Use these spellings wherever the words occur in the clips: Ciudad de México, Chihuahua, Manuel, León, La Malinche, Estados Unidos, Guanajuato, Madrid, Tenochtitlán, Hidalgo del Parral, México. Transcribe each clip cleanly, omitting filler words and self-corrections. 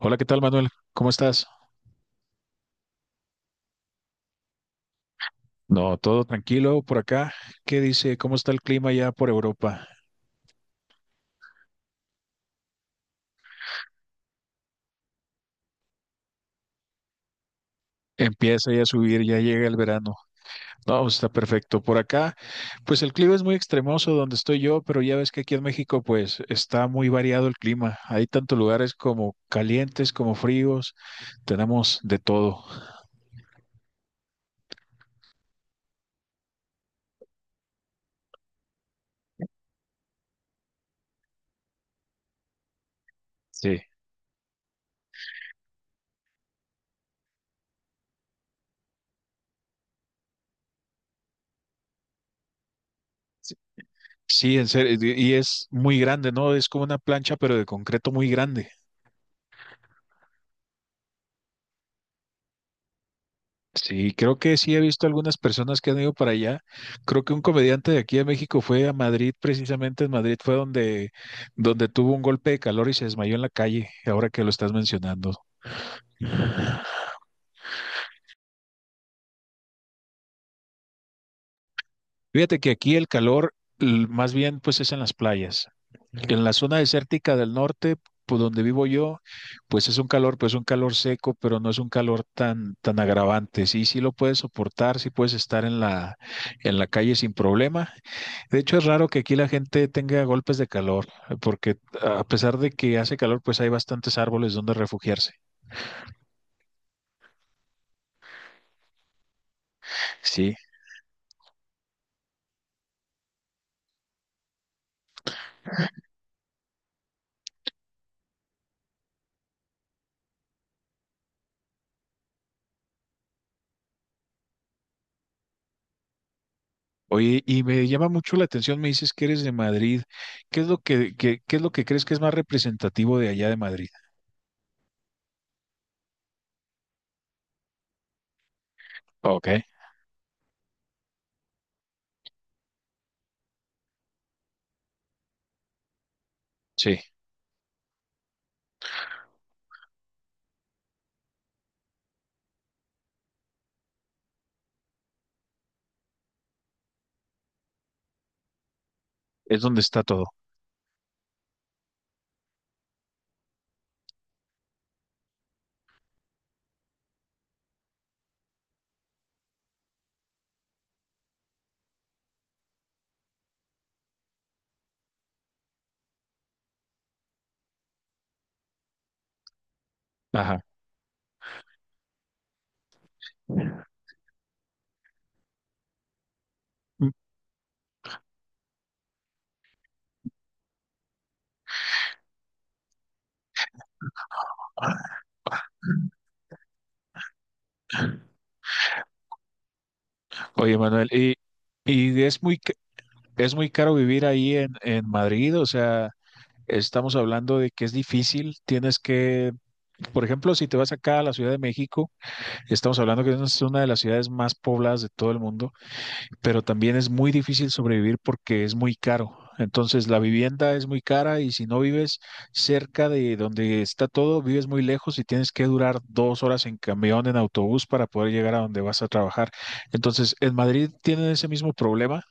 Hola, ¿qué tal, Manuel? ¿Cómo estás? No, todo tranquilo por acá. ¿Qué dice? ¿Cómo está el clima ya por Europa? Empieza ya a subir, ya llega el verano. No, pues, está perfecto. Por acá, pues el clima es muy extremoso donde estoy yo, pero ya ves que aquí en México, pues está muy variado el clima. Hay tantos lugares como calientes, como fríos. Tenemos de todo. Sí. Sí, en serio. Y es muy grande, ¿no? Es como una plancha, pero de concreto muy grande. Sí, creo que sí he visto algunas personas que han ido para allá. Creo que un comediante de aquí de México fue a Madrid, precisamente en Madrid fue donde tuvo un golpe de calor y se desmayó en la calle, ahora que lo estás mencionando. Fíjate que aquí el calor más bien pues es en las playas. En la zona desértica del norte, por donde vivo yo, pues es un calor, pues un calor seco, pero no es un calor tan, tan agravante. Sí, sí lo puedes soportar, sí puedes estar en en la calle sin problema. De hecho, es raro que aquí la gente tenga golpes de calor, porque a pesar de que hace calor, pues hay bastantes árboles donde refugiarse. Sí. Oye, y me llama mucho la atención, me dices que eres de Madrid. ¿Qué es lo que, qué es lo que crees que es más representativo de allá de Madrid? Ok, sí, es donde está todo. Ajá. Mm. Oye, Manuel, y es muy, es muy caro vivir ahí en Madrid, o sea, estamos hablando de que es difícil, tienes que, por ejemplo, si te vas acá a la Ciudad de México, estamos hablando que es una de las ciudades más pobladas de todo el mundo. Pero también es muy difícil sobrevivir porque es muy caro. Entonces la vivienda es muy cara y si no vives cerca de donde está todo, vives muy lejos y tienes que durar 2 horas en camión, en autobús para poder llegar a donde vas a trabajar. Entonces, ¿en Madrid tienen ese mismo problema?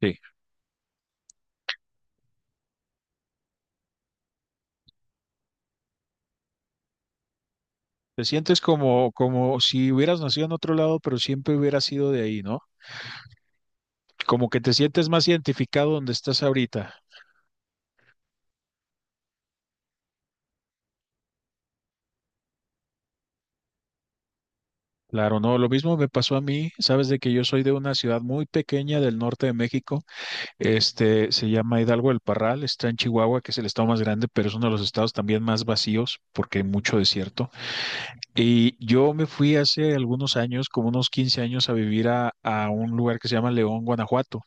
Sí. Te sientes como, como si hubieras nacido en otro lado, pero siempre hubieras sido de ahí, ¿no? Como que te sientes más identificado donde estás ahorita. Claro, no, lo mismo me pasó a mí, sabes de que yo soy de una ciudad muy pequeña del norte de México, este se llama Hidalgo del Parral, está en Chihuahua, que es el estado más grande, pero es uno de los estados también más vacíos porque hay mucho desierto. Y yo me fui hace algunos años, como unos 15 años, a vivir a un lugar que se llama León, Guanajuato.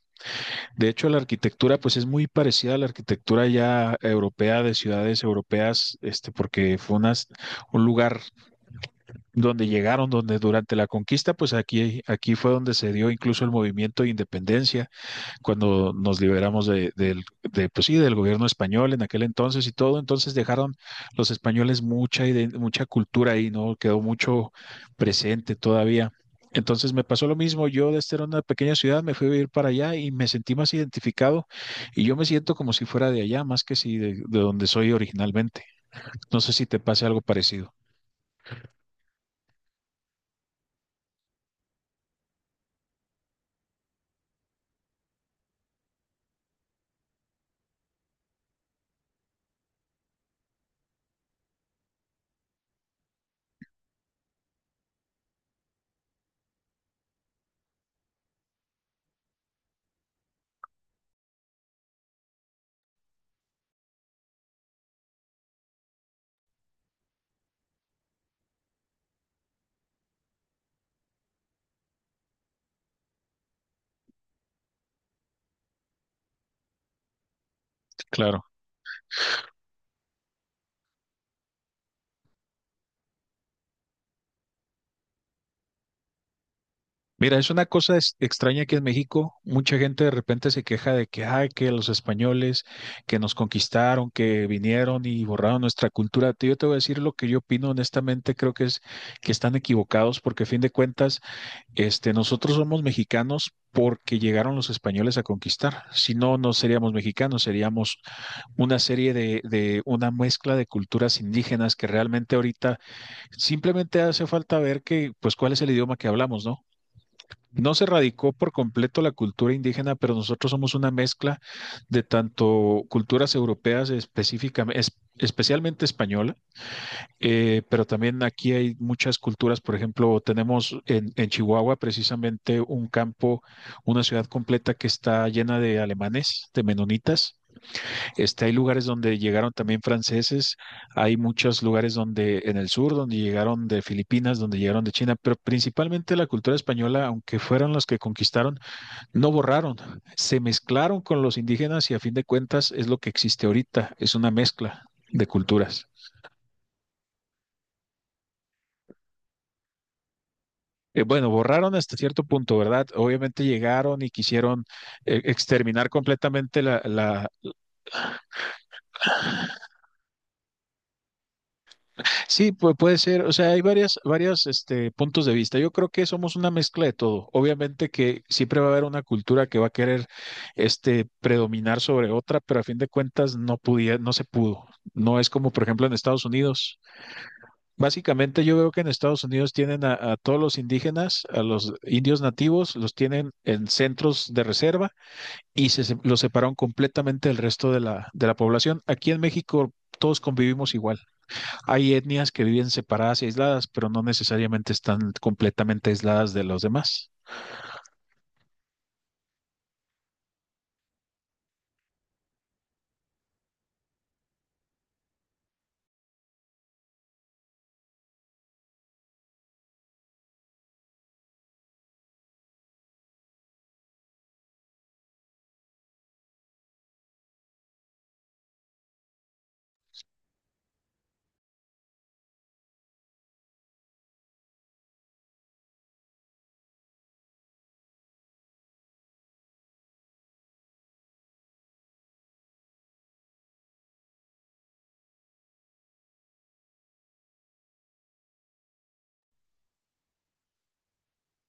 De hecho, la arquitectura pues es muy parecida a la arquitectura ya europea de ciudades europeas, este porque fue un lugar donde llegaron, donde durante la conquista, pues aquí, aquí fue donde se dio incluso el movimiento de independencia, cuando nos liberamos de, pues sí, del gobierno español en aquel entonces y todo, entonces dejaron los españoles mucha, mucha cultura ahí, ¿no? Quedó mucho presente todavía. Entonces me pasó lo mismo, yo desde una pequeña ciudad me fui a vivir para allá y me sentí más identificado y yo me siento como si fuera de allá, más que si de, de donde soy originalmente. No sé si te pase algo parecido. Claro. Mira, es una cosa extraña que en México mucha gente de repente se queja de que, ay, que los españoles que nos conquistaron, que vinieron y borraron nuestra cultura. Yo te voy a decir lo que yo opino honestamente, creo que es que están equivocados porque a fin de cuentas, este, nosotros somos mexicanos porque llegaron los españoles a conquistar. Si no, no seríamos mexicanos, seríamos una serie de una mezcla de culturas indígenas que realmente ahorita simplemente hace falta ver que, pues, cuál es el idioma que hablamos, ¿no? No se radicó por completo la cultura indígena, pero nosotros somos una mezcla de tanto culturas europeas específicamente, especialmente española, pero también aquí hay muchas culturas. Por ejemplo, tenemos en Chihuahua precisamente un campo, una ciudad completa que está llena de alemanes, de menonitas. Este, hay lugares donde llegaron también franceses, hay muchos lugares donde en el sur, donde llegaron de Filipinas, donde llegaron de China, pero principalmente la cultura española, aunque fueron los que conquistaron, no borraron, se mezclaron con los indígenas y a fin de cuentas es lo que existe ahorita, es una mezcla de culturas. Bueno, borraron hasta cierto punto, ¿verdad? Obviamente llegaron y quisieron exterminar completamente la. Sí, pues puede ser, o sea, hay varias, varias, este, puntos de vista. Yo creo que somos una mezcla de todo. Obviamente que siempre va a haber una cultura que va a querer, este, predominar sobre otra, pero a fin de cuentas no podía, no se pudo. No es como, por ejemplo, en Estados Unidos. Básicamente yo veo que en Estados Unidos tienen a todos los indígenas, a los indios nativos, los tienen en centros de reserva y los separaron completamente del resto de la población. Aquí en México todos convivimos igual. Hay etnias que viven separadas y aisladas, pero no necesariamente están completamente aisladas de los demás.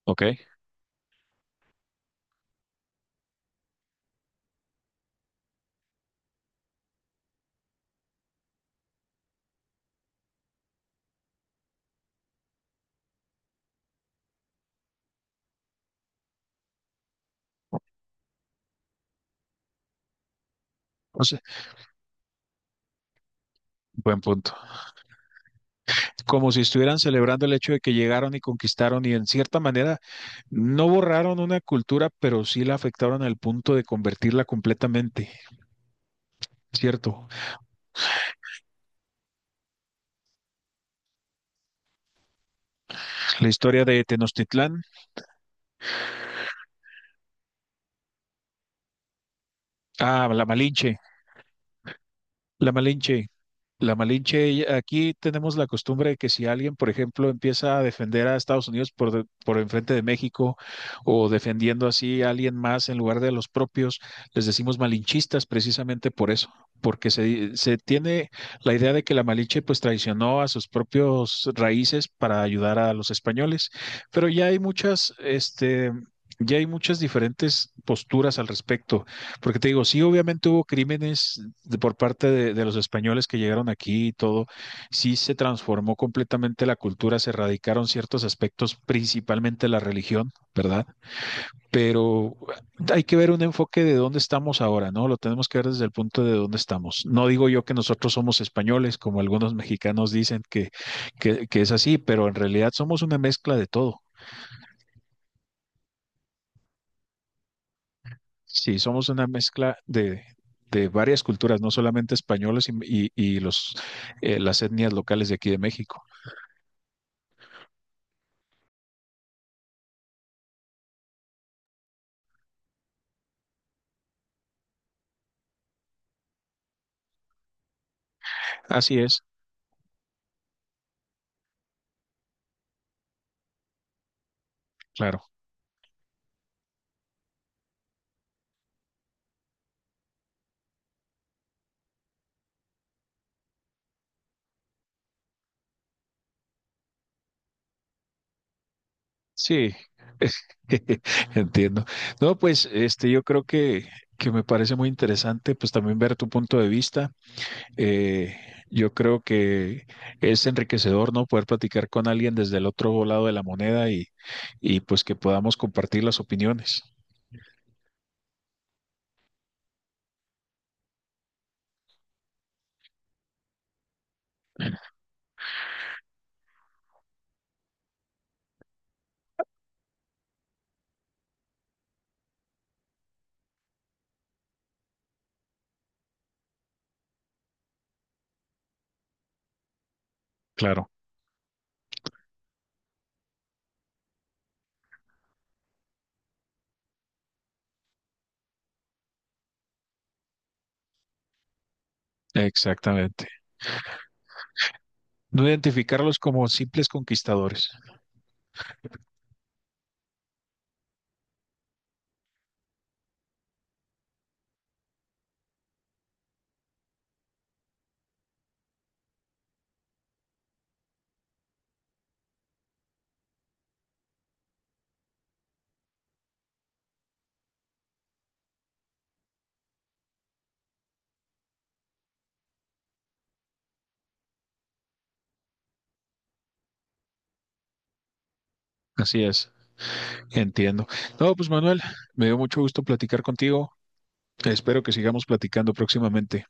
Ok. O sea, buen punto. Como si estuvieran celebrando el hecho de que llegaron y conquistaron y en cierta manera no borraron una cultura, pero sí la afectaron al punto de convertirla completamente. Cierto. La historia de Tenochtitlán. Ah, la Malinche. La Malinche. La Malinche, aquí tenemos la costumbre de que si alguien, por ejemplo, empieza a defender a Estados Unidos por enfrente de México o defendiendo así a alguien más en lugar de a los propios, les decimos malinchistas precisamente por eso, porque se tiene la idea de que la Malinche pues traicionó a sus propios raíces para ayudar a los españoles, pero ya hay muchas, este... Ya hay muchas diferentes posturas al respecto. Porque te digo, sí, obviamente hubo crímenes por parte de los españoles que llegaron aquí y todo. Sí se transformó completamente la cultura, se erradicaron ciertos aspectos, principalmente la religión, ¿verdad? Pero hay que ver un enfoque de dónde estamos ahora, ¿no? Lo tenemos que ver desde el punto de dónde estamos. No digo yo que nosotros somos españoles, como algunos mexicanos dicen que, que es así, pero en realidad somos una mezcla de todo. Sí, somos una mezcla de varias culturas, no solamente españoles y los, las etnias locales de aquí de México. Así es, claro. Sí, entiendo. No, pues este, yo creo que me parece muy interesante, pues también ver tu punto de vista. Eh, yo creo que es enriquecedor, ¿no? Poder platicar con alguien desde el otro lado de la moneda y pues que podamos compartir las opiniones. Claro, exactamente. No identificarlos como simples conquistadores. Así es, entiendo. No, pues Manuel, me dio mucho gusto platicar contigo. Espero que sigamos platicando próximamente.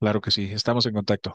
Claro que sí, estamos en contacto.